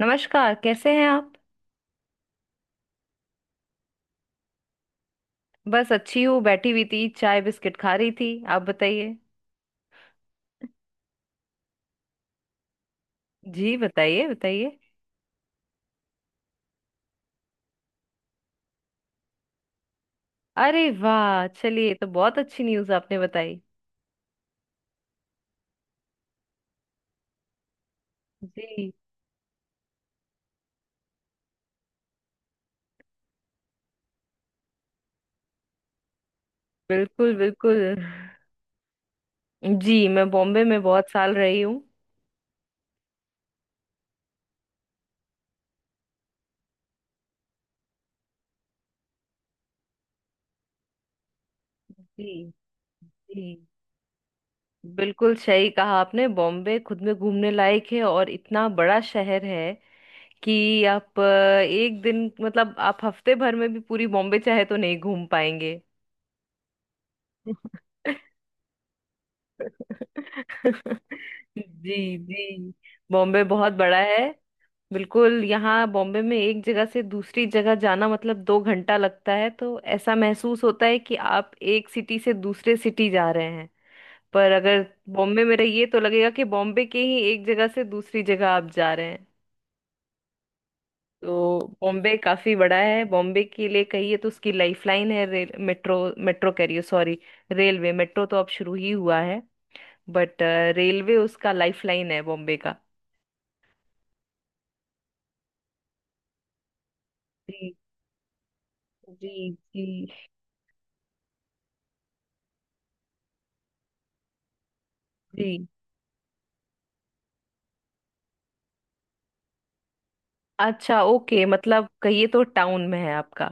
नमस्कार कैसे हैं आप। बस अच्छी हूँ बैठी हुई थी चाय बिस्किट खा रही थी। आप बताइए। जी बताइए बताइए। अरे वाह चलिए ये तो बहुत अच्छी न्यूज़ आपने बताई। जी बिल्कुल बिल्कुल। जी मैं बॉम्बे में बहुत साल रही हूँ। जी जी। बिल्कुल सही कहा आपने बॉम्बे खुद में घूमने लायक है और इतना बड़ा शहर है कि आप एक दिन मतलब आप हफ्ते भर में भी पूरी बॉम्बे चाहे तो नहीं घूम पाएंगे। जी जी। बॉम्बे बहुत बड़ा है। बिल्कुल यहाँ बॉम्बे में एक जगह से दूसरी जगह जाना मतलब दो घंटा लगता है तो ऐसा महसूस होता है कि आप एक सिटी से दूसरे सिटी जा रहे हैं। पर अगर बॉम्बे में रहिए तो लगेगा कि बॉम्बे के ही एक जगह से दूसरी जगह आप जा रहे हैं। तो बॉम्बे काफी बड़ा है। बॉम्बे के लिए कहिए तो उसकी लाइफलाइन है रेल मेट्रो। मेट्रो कह रही हूँ सॉरी। रेलवे मेट्रो तो अब शुरू ही हुआ है। बट रेलवे उसका लाइफलाइन है बॉम्बे का। जी जी जी जी। अच्छा ओके मतलब कहिए तो टाउन में है आपका।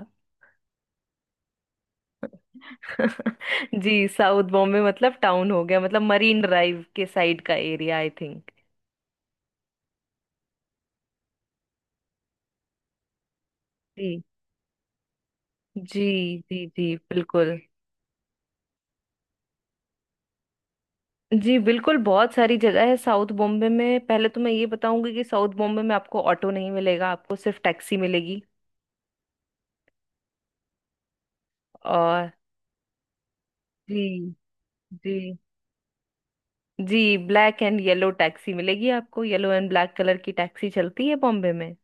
जी साउथ बॉम्बे मतलब टाउन हो गया मतलब मरीन ड्राइव के साइड का एरिया आई थिंक। जी जी जी। जी बिल्कुल। जी बिल्कुल बहुत सारी जगह है साउथ बॉम्बे में। पहले तो मैं ये बताऊंगी कि साउथ बॉम्बे में आपको ऑटो नहीं मिलेगा आपको सिर्फ टैक्सी मिलेगी। और जी जी जी। ब्लैक एंड येलो टैक्सी मिलेगी आपको येलो एंड ब्लैक कलर की टैक्सी चलती है बॉम्बे में।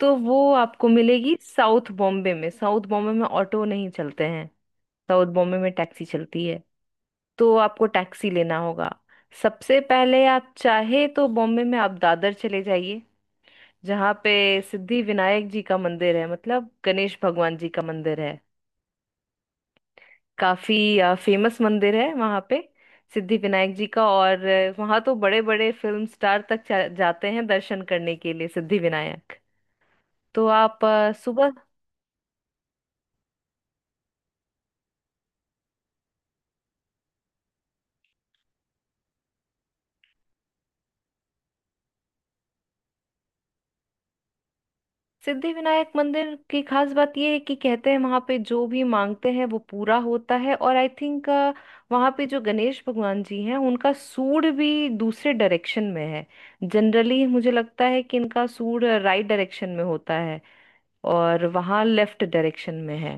तो वो आपको मिलेगी साउथ बॉम्बे में। साउथ बॉम्बे में ऑटो नहीं चलते हैं। साउथ बॉम्बे में टैक्सी चलती है। तो आपको टैक्सी लेना होगा। सबसे पहले आप चाहे तो बॉम्बे में आप दादर चले जाइए। जहाँ पे सिद्धि विनायक जी का मंदिर है मतलब गणेश भगवान जी का मंदिर है। काफी फेमस मंदिर है वहां पे सिद्धि विनायक जी का। और वहां तो बड़े बड़े फिल्म स्टार तक जाते हैं दर्शन करने के लिए सिद्धि विनायक। तो आप सुबह। सिद्धि विनायक मंदिर की खास बात ये है कि कहते हैं वहां पे जो भी मांगते हैं वो पूरा होता है और आई थिंक वहां पे जो गणेश भगवान जी हैं उनका सूंड भी दूसरे डायरेक्शन में है। जनरली मुझे लगता है कि इनका सूंड राइट डायरेक्शन में होता है। और वहां लेफ्ट डायरेक्शन में है।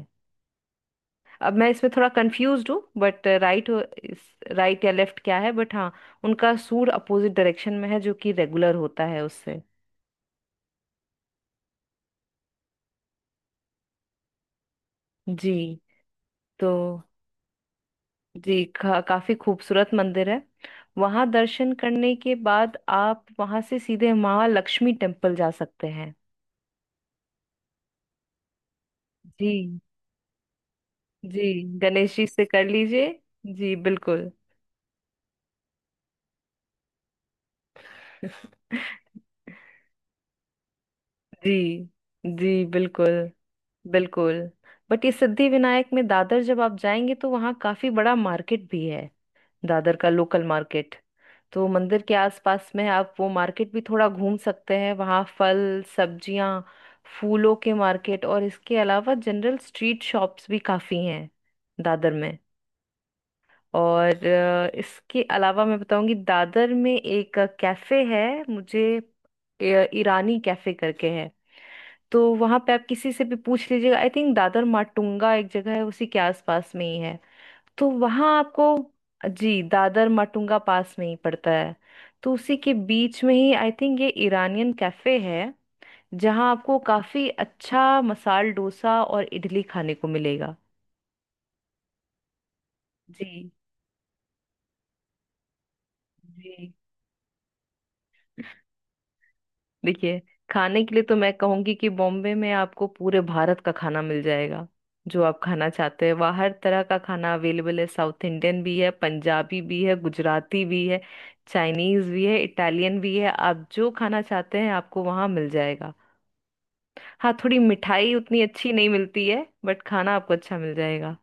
अब मैं इसमें थोड़ा कंफ्यूज हूँ बट राइट। इस राइट या लेफ्ट क्या है बट हाँ। उनका सूर अपोजिट डायरेक्शन में है जो कि रेगुलर होता है उससे। जी तो काफी खूबसूरत मंदिर है। वहां दर्शन करने के बाद आप वहां से सीधे माँ लक्ष्मी टेम्पल जा सकते हैं। जी जी गणेश जी से कर लीजिए। जी बिल्कुल। जी जी बिल्कुल बिल्कुल। बट ये सिद्धि विनायक में दादर जब आप जाएंगे तो वहाँ काफी बड़ा मार्केट भी है। दादर का लोकल मार्केट। तो मंदिर के आसपास में आप वो मार्केट भी थोड़ा घूम सकते हैं वहाँ फल सब्जियाँ फूलों के मार्केट और इसके अलावा जनरल स्ट्रीट शॉप्स भी काफी हैं दादर में। और इसके अलावा मैं बताऊंगी दादर में एक कैफे है। मुझे अ, ईरानी कैफे करके है। तो वहां पे आप किसी से भी पूछ लीजिएगा आई थिंक दादर माटुंगा एक जगह है उसी के आसपास में ही है। तो वहां आपको। जी दादर माटुंगा पास में ही पड़ता है। तो उसी के बीच में ही आई थिंक ये ईरानियन कैफे है। जहाँ आपको काफी अच्छा मसाल डोसा और इडली खाने को मिलेगा। जी जी। देखिए खाने के लिए तो मैं कहूंगी कि बॉम्बे में आपको पूरे भारत का खाना मिल जाएगा। जो आप खाना चाहते हैं वहाँ हर तरह का खाना अवेलेबल है साउथ इंडियन भी है पंजाबी भी है गुजराती भी है चाइनीज भी है इटालियन भी है। आप जो खाना चाहते हैं आपको वहाँ मिल जाएगा। हाँ थोड़ी मिठाई उतनी अच्छी नहीं मिलती है बट खाना आपको अच्छा मिल जाएगा।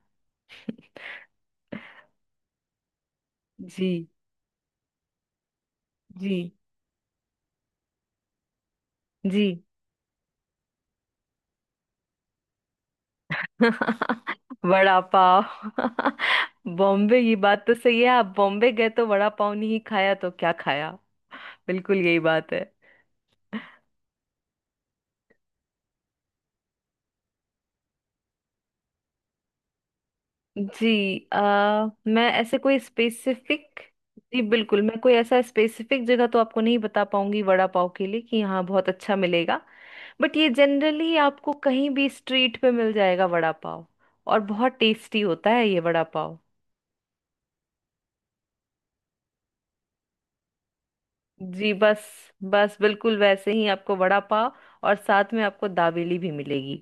जी जी जी। वड़ा पाव। बॉम्बे की बात तो सही है आप बॉम्बे गए तो वड़ा पाव नहीं खाया तो क्या खाया। बिल्कुल यही बात है। मैं ऐसे कोई स्पेसिफिक। जी बिल्कुल मैं कोई ऐसा स्पेसिफिक जगह तो आपको नहीं बता पाऊंगी वड़ा पाव के लिए कि यहाँ बहुत अच्छा मिलेगा। बट ये जनरली आपको कहीं भी स्ट्रीट पे मिल जाएगा वड़ा पाव। और बहुत टेस्टी होता है ये वड़ा पाव। जी बस बस बिल्कुल वैसे ही आपको वड़ा पाव। और साथ में आपको दावेली भी मिलेगी।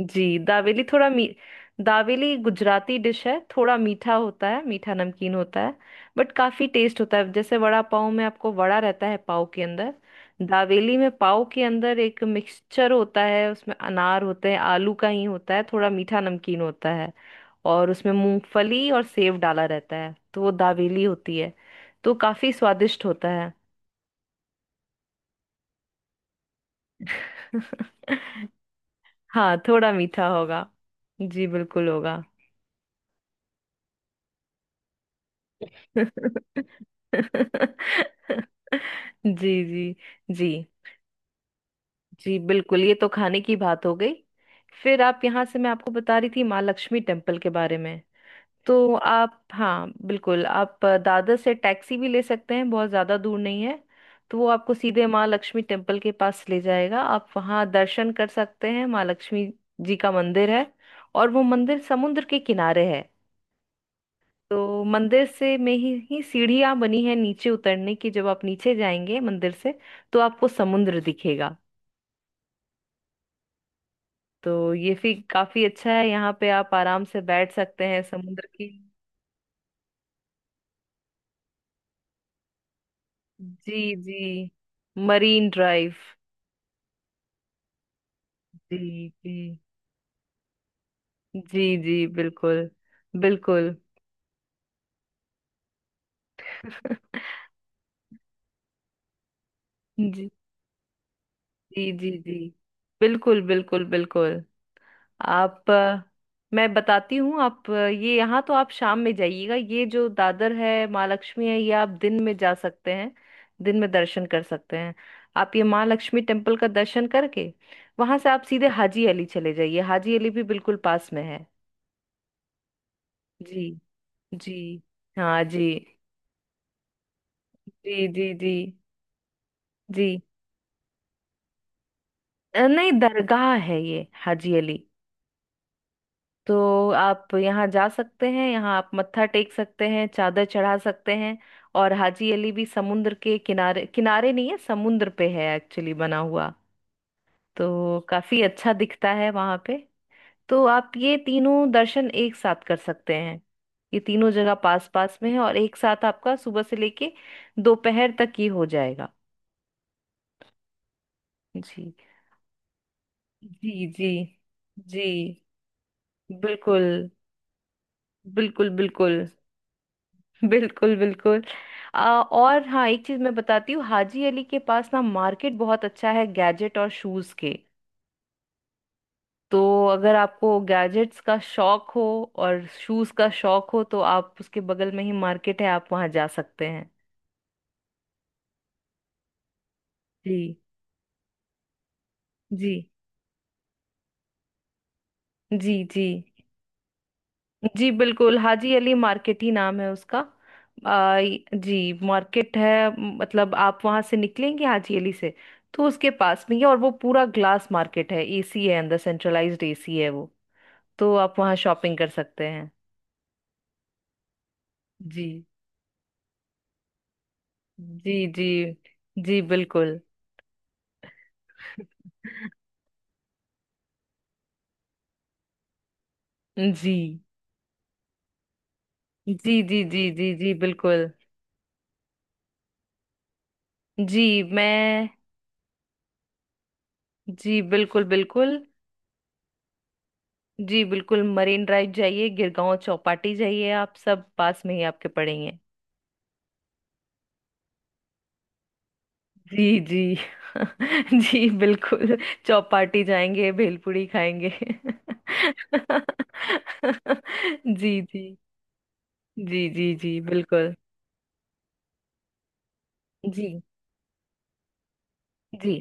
जी दावेली गुजराती डिश है थोड़ा मीठा होता है मीठा नमकीन होता है। बट काफी टेस्ट होता है जैसे वड़ा पाव में आपको वड़ा रहता है पाव के अंदर। दावेली में पाव के अंदर एक मिक्सचर होता है उसमें अनार होते हैं आलू का ही होता है थोड़ा मीठा नमकीन होता है। और उसमें मूंगफली और सेव डाला रहता है तो वो दावेली होती है। तो काफी स्वादिष्ट होता है। हाँ थोड़ा मीठा होगा। जी बिल्कुल होगा। जी जी। जी जी बिल्कुल। ये तो खाने की बात हो गई। फिर आप यहाँ से मैं आपको बता रही थी माँ लक्ष्मी टेम्पल के बारे में। तो आप हाँ बिल्कुल आप दादर से टैक्सी भी ले सकते हैं बहुत ज़्यादा दूर नहीं है। तो वो आपको सीधे माँ लक्ष्मी टेम्पल के पास ले जाएगा। आप वहाँ दर्शन कर सकते हैं माँ लक्ष्मी जी का मंदिर है। और वो मंदिर समुद्र के किनारे है। तो मंदिर से ही सीढ़ियां बनी है नीचे उतरने की। जब आप नीचे जाएंगे मंदिर से तो आपको समुद्र दिखेगा। तो ये फिर काफी अच्छा है यहाँ पे आप आराम से बैठ सकते हैं समुद्र की। जी जी मरीन ड्राइव। जी जी जी जी बिल्कुल बिल्कुल। जी जी जी जी बिल्कुल बिल्कुल बिल्कुल। आप अ, मैं बताती हूँ आप ये यहाँ तो आप शाम में जाइएगा। ये जो दादर है माँ लक्ष्मी है ये आप दिन में जा सकते हैं दिन में दर्शन कर सकते हैं। आप ये माँ लक्ष्मी टेम्पल का दर्शन करके वहां से आप सीधे हाजी अली चले जाइए। हाजी अली भी बिल्कुल पास में है। जी जी हाँ जी जी जी जी जी। नहीं दरगाह है ये हाजी अली। तो आप यहाँ जा सकते हैं यहाँ आप मत्था टेक सकते हैं चादर चढ़ा सकते हैं। और हाजी अली भी समुद्र के किनारे किनारे नहीं है समुद्र पे है एक्चुअली बना हुआ। तो काफी अच्छा दिखता है वहां पे। तो आप ये तीनों दर्शन एक साथ कर सकते हैं। ये तीनों जगह पास पास में है और एक साथ आपका सुबह से लेके दोपहर तक ही हो जाएगा। जी जी जी जी बिल्कुल बिल्कुल बिल्कुल बिल्कुल बिल्कुल। और हाँ एक चीज मैं बताती हूँ हाजी अली के पास ना मार्केट बहुत अच्छा है गैजेट और शूज के। तो अगर आपको गैजेट्स का शौक हो और शूज का शौक हो तो आप उसके बगल में ही मार्केट है आप वहां जा सकते हैं। जी जी जी जी जी बिल्कुल हाजी अली मार्केट ही नाम है उसका। आ, य- जी मार्केट है मतलब आप वहां से निकलेंगे हाजी अली से। तो उसके पास में ही है और वो पूरा ग्लास मार्केट है एसी है अंदर सेंट्रलाइज्ड एसी है वो। तो आप वहां शॉपिंग कर सकते हैं। जी जी जी जी बिल्कुल। जी जी जी जी जी जी बिल्कुल। जी मैं। जी बिल्कुल बिल्कुल। जी बिल्कुल मरीन ड्राइव जाइए गिरगांव चौपाटी जाइए आप सब पास में ही आपके पड़ेंगे। जी जी। जी बिल्कुल चौपाटी जाएंगे भेलपूरी खाएंगे जी जी जी जी जी बिल्कुल। जी जी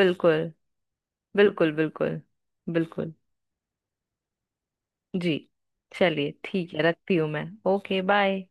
बिल्कुल बिल्कुल बिल्कुल बिल्कुल। जी चलिए ठीक है रखती हूँ मैं। Okay bye.